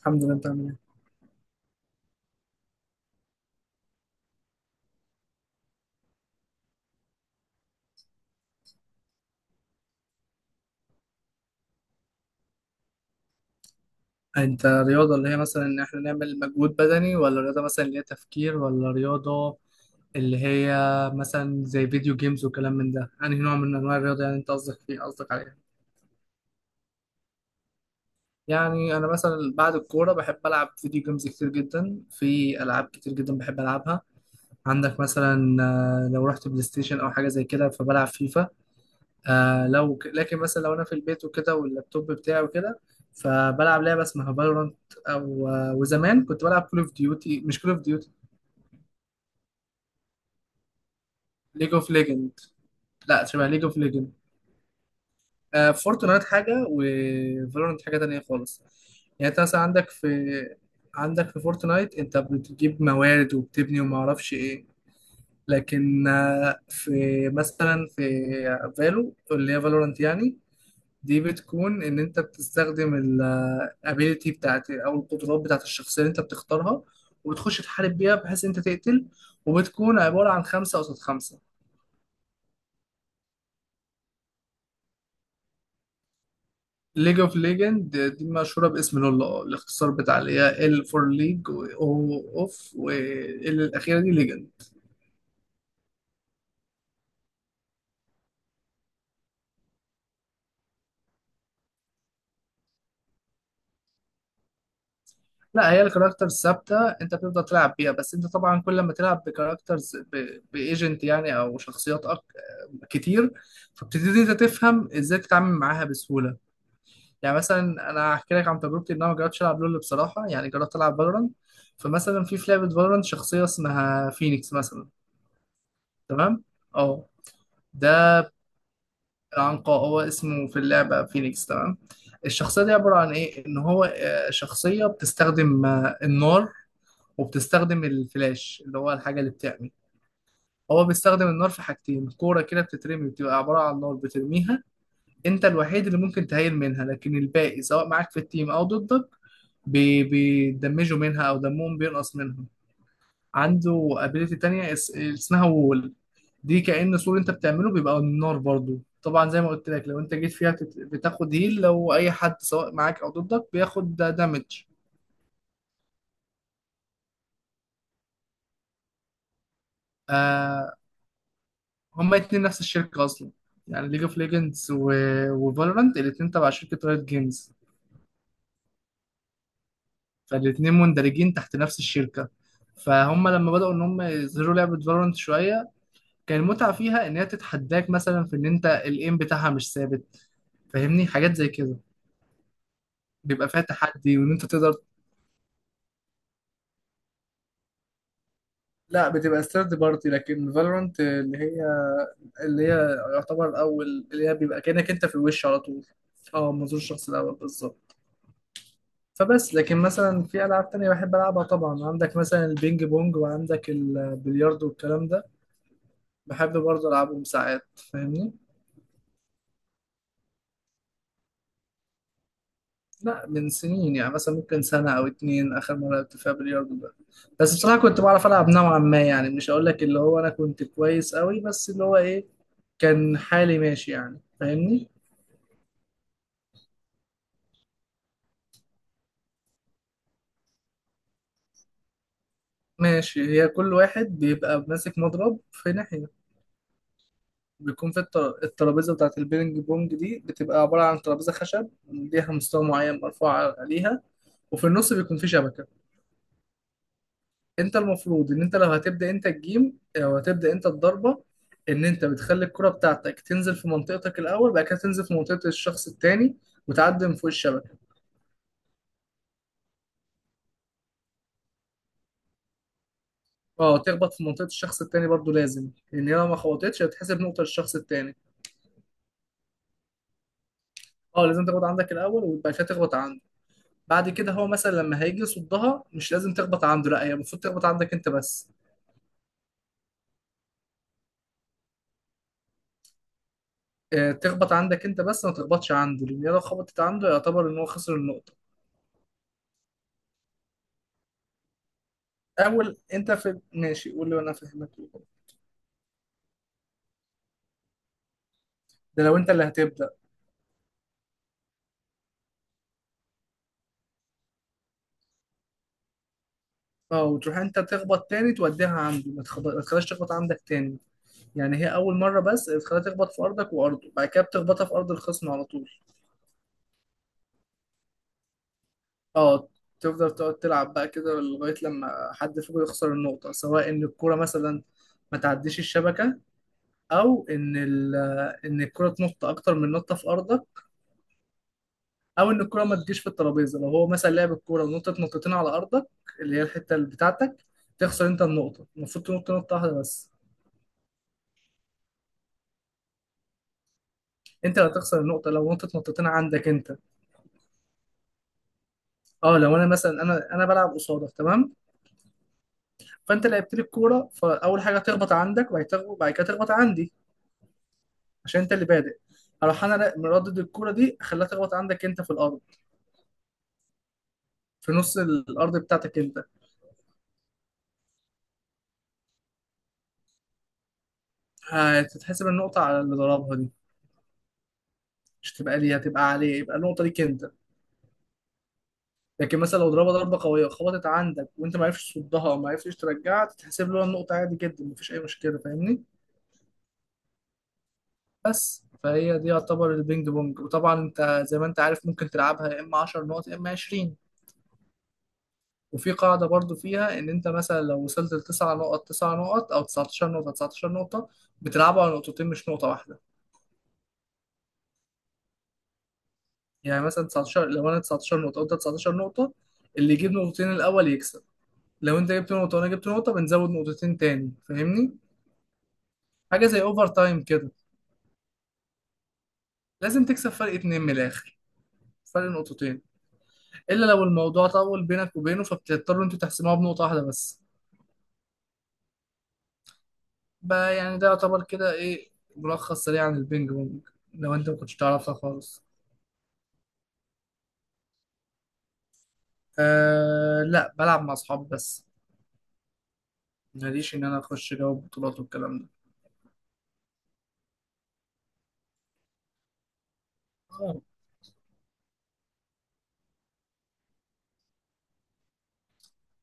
الحمد لله، انت عامل ايه؟ انت رياضة اللي هي مثلا ان احنا نعمل مجهود بدني، ولا رياضة مثلا اللي هي تفكير، ولا رياضة اللي هي مثلا زي فيديو جيمز وكلام من ده؟ يعني نوع من انواع الرياضة يعني انت قصدك فيه، قصدك عليها؟ يعني انا مثلا بعد الكورة بحب العب فيديو جيمز كتير جدا، في العاب كتير جدا بحب العبها. عندك مثلا آه، لو رحت بلاي ستيشن او حاجة زي كده فبلعب فيفا. آه لكن مثلا لو انا في البيت وكده واللابتوب بتاعي وكده فبلعب لعبه اسمها فالورانت. او آه، وزمان كنت بلعب كول اوف ديوتي، مش كول اوف ديوتي، ليج اوف ليجند. لا، شبه ليج اوف ليجند. آه، فورتنايت حاجه وفالورانت حاجه تانية خالص. يعني انت مثلا عندك في عندك في فورتنايت انت بتجيب موارد وبتبني وما اعرفش ايه. لكن آه، في مثلا في فالو اللي هي فالورانت يعني، دي بتكون ان انت بتستخدم الابيليتي بتاعت او القدرات بتاعت الشخصيه اللي انت بتختارها، وبتخش تحارب بيها بحيث انت تقتل، وبتكون عباره عن خمسه قصاد خمسه. ليج اوف ليجند دي مشهوره باسم لول، اه الاختصار بتاع اللي هي ال فور ليج او اوف وال الاخيره دي ليجند. لا هي الكاركتر ثابته انت بتفضل تلعب بيها، بس انت طبعا كل ما تلعب بكاركترز بايجنت يعني او شخصيات كتير، فبتبتدي انت تفهم ازاي تتعامل معاها بسهوله. يعني مثلا انا هحكي لك عن تجربتي، ان انا ما جربتش العب لول بصراحه، يعني جربت العب فالورانت. فمثلا في لعبه فالورانت شخصيه اسمها فينيكس مثلا. تمام، اه، ده العنقاء هو اسمه في اللعبه فينيكس، تمام. الشخصيه دي عباره عن ايه؟ ان هو آه، شخصيه بتستخدم آه، النار، وبتستخدم الفلاش اللي هو الحاجه اللي بتعمل. هو بيستخدم النار في حاجتين: كوره كده بتترمي بتبقى عباره عن نار بترميها، انت الوحيد اللي ممكن تهيل منها لكن الباقي سواء معاك في التيم او ضدك بيدمجوا منها او دمهم بينقص منهم. عنده ابيليتي تانية اسمها وول. دي كأن سور انت بتعمله بيبقى نار برضو، طبعا زي ما قلت لك لو انت جيت فيها بتاخد هيل، لو اي حد سواء معاك او ضدك بياخد دامج. آه هما اتنين نفس الشركة اصلا، يعني ليج اوف ليجندز وفالورانت الاتنين تبع شركة رايت جيمز، فالاتنين مندرجين تحت نفس الشركة. فهم لما بدأوا ان هم يظهروا لعبة فالورانت شوية، كان المتعة فيها إن هي تتحداك مثلا في إن أنت الإيم بتاعها مش ثابت، فاهمني حاجات زي كده، بيبقى فيها تحدي وإن أنت تقدر. لا، بتبقى ثيرد بارتي، لكن فالورانت اللي هي اللي هي يعتبر أول، اللي هي بيبقى كأنك أنت في الوش على طول. أه، منظور الشخص الأول بالظبط. فبس لكن مثلا في ألعاب تانية بحب ألعبها، طبعا عندك مثلا البينج بونج وعندك البلياردو والكلام ده، بحب برضه ألعبهم ساعات فاهمني. لا من سنين، يعني مثلا ممكن سنة أو اتنين آخر مرة لعبت فيها بلياردو ده، بس بصراحة كنت بعرف ألعب نوعا ما، يعني مش هقول لك اللي هو أنا كنت كويس أوي، بس اللي هو إيه، كان حالي ماشي يعني، فاهمني؟ ماشي. هي كل واحد بيبقى ماسك مضرب في ناحية. بيكون في الترابيزة بتاعة البينج بونج دي بتبقى عبارة عن ترابيزة خشب ليها مستوى معين مرفوع عليها، وفي النص بيكون في شبكة. انت المفروض ان انت لو هتبدا انت الجيم او هتبدا انت الضربه، ان انت بتخلي الكره بتاعتك تنزل في منطقتك الاول، بعد كده تنزل في منطقه الشخص التاني وتعدي من فوق الشبكه. اه تخبط في منطقه الشخص التاني برضو لازم، لان هي لو ما خبطتش هتحسب نقطه للشخص التاني. اه لازم تخبط عندك الاول وبعد كده تخبط عنده. بعد كده هو مثلا لما هيجي يصدها مش لازم تخبط عنده، لا هي المفروض تخبط عندك انت بس. آه، تخبط عندك انت بس، ما تخبطش عنده، لان هي لو خبطت عنده يعتبر ان هو خسر النقطه. اول انت في ماشي قول لي وانا فاهمك. ده لو انت اللي هتبدا. اه وتروح انت تخبط تاني توديها عنده، ما تخليهاش تخبط عندك تاني. يعني هي اول مره بس تخليها تخبط في ارضك وارضه، بعد كده بتخبطها في ارض الخصم على طول. اه، تفضل تقعد تلعب بقى كده لغايه لما حد فيكم يخسر النقطه، سواء ان الكوره مثلا ما تعديش الشبكه، او ان ال... ان الكوره تنط اكتر من نطه في ارضك، او ان الكوره ما تجيش في الترابيزه. لو هو مثلا لعب الكوره ونطت نطتين على ارضك، اللي هي الحته اللي بتاعتك، تخسر انت النقطه، المفروض تنط نطه واحده بس. انت اللي هتخسر النقطه لو نطت نقطتين عندك انت. اه لو انا مثلا انا بلعب قصادك، تمام، فانت لعبت لي الكوره، فاول حاجه تخبط عندك وبعد كده وبعد كده تخبط عندي، عشان انت اللي بادئ. اروح انا مردد الكوره دي اخليها تخبط عندك انت في الارض، في نص الارض بتاعتك انت. هتتحسب النقطه على اللي ضربها دي، مش تبقى ليه، هتبقى عليه، يبقى النقطه ليك انت. لكن مثلا لو ضربها ضربه قويه خبطت عندك وانت ما عرفتش تصدها او ما عرفتش ترجعها، تتحسب له النقطه عادي جدا، مفيش اي مشكله، فاهمني. بس فهي دي يعتبر البينج بونج. وطبعا انت زي ما انت عارف ممكن تلعبها يا اما 10 نقط يا اما 20. وفي قاعدة برضو فيها ان انت مثلا لو وصلت لتسع نقط، تسع نقط او 19 نقطة، 19 نقطة، بتلعبوا على نقطتين مش نقطة واحدة. يعني مثلا 19، لو انا 19 نقطة وانت 19 نقطة، اللي يجيب نقطتين الاول يكسب. لو انت جبت نقطة وانا جبت نقطة، بنزود نقطتين تاني فاهمني، حاجة زي اوفر تايم كده. لازم تكسب فرق اتنين من الاخر، فرق نقطتين. الا لو الموضوع طول بينك وبينه، فبتضطروا انتوا تحسموها بنقطة واحدة بس. بقى يعني ده يعتبر كده ايه، ملخص سريع عن البينج بونج، لو انت ما كنتش تعرفها خالص. آه لا، بلعب مع اصحاب بس، ماليش ان انا اخش جو بطولات والكلام ده. اه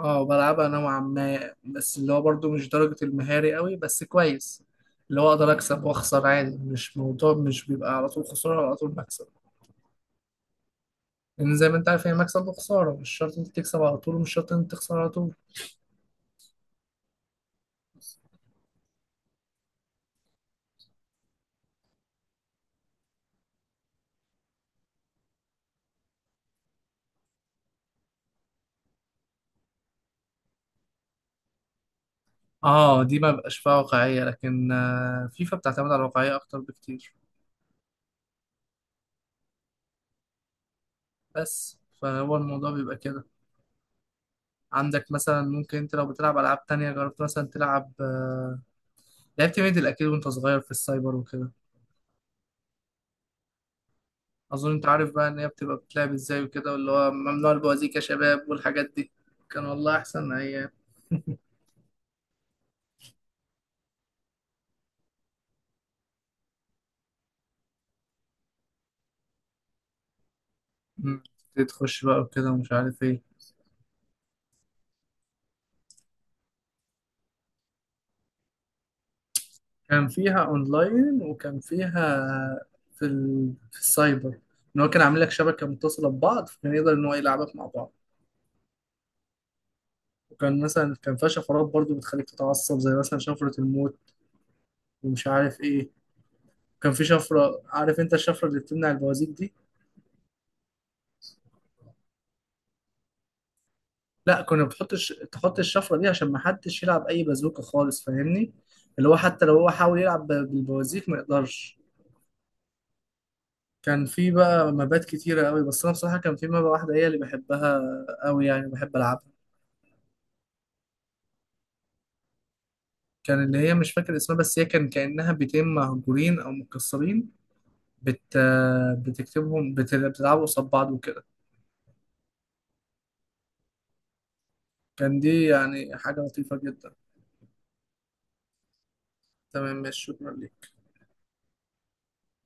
آه، بلعبها نوعا ما، بس اللي هو برضو مش درجة المهاري قوي بس كويس، اللي هو اقدر اكسب واخسر عادي، مش موضوع مش بيبقى على طول خسارة وعلى طول مكسب، لان زي ما انت عارف هي مكسب وخسارة، مش شرط انت تكسب على طول ومش شرط انت تخسر على طول. اه دي ما بقاش فيها واقعية، لكن آه، فيفا بتعتمد على الواقعية اكتر بكتير. بس فهو الموضوع بيبقى كده. عندك مثلا ممكن انت لو بتلعب العاب تانية جربت مثلا تلعب، لعبت ميدل اكيد وانت صغير في السايبر وكده. اظن انت عارف بقى ان هي بتبقى بتلعب ازاي وكده، واللي هو ممنوع البوازيك يا شباب والحاجات دي. كان والله احسن ايام. مم. تخش بقى وكده ومش عارف ايه. كان فيها اونلاين، وكان فيها في السايبر، ان هو كان عامل لك شبكة متصلة ببعض، فكان يقدر ان هو يلعبك مع بعض. وكان مثلا كان فيها شفرات برضو بتخليك تتعصب، زي مثلا شفرة الموت ومش عارف ايه. كان في شفرة، عارف انت الشفرة اللي بتمنع البوازيك دي، لا كنا بتحط تحط الشفرة دي عشان ما حدش يلعب اي بازوكة خالص، فاهمني، اللي هو حتى لو هو حاول يلعب بالبوازيك ما يقدرش. كان في بقى مبات كتيرة قوي، بس انا بصراحة كان في مبة واحدة هي اللي بحبها قوي يعني، بحب العبها. كان اللي هي مش فاكر اسمها، بس هي كان كأنها بيتين مهجورين او متكسرين، بت... بتكتبهم، بتلعبوا قصاد بعض وكده. كان دي يعني حاجة لطيفة جدا. تمام ماشي، شكرا ليك.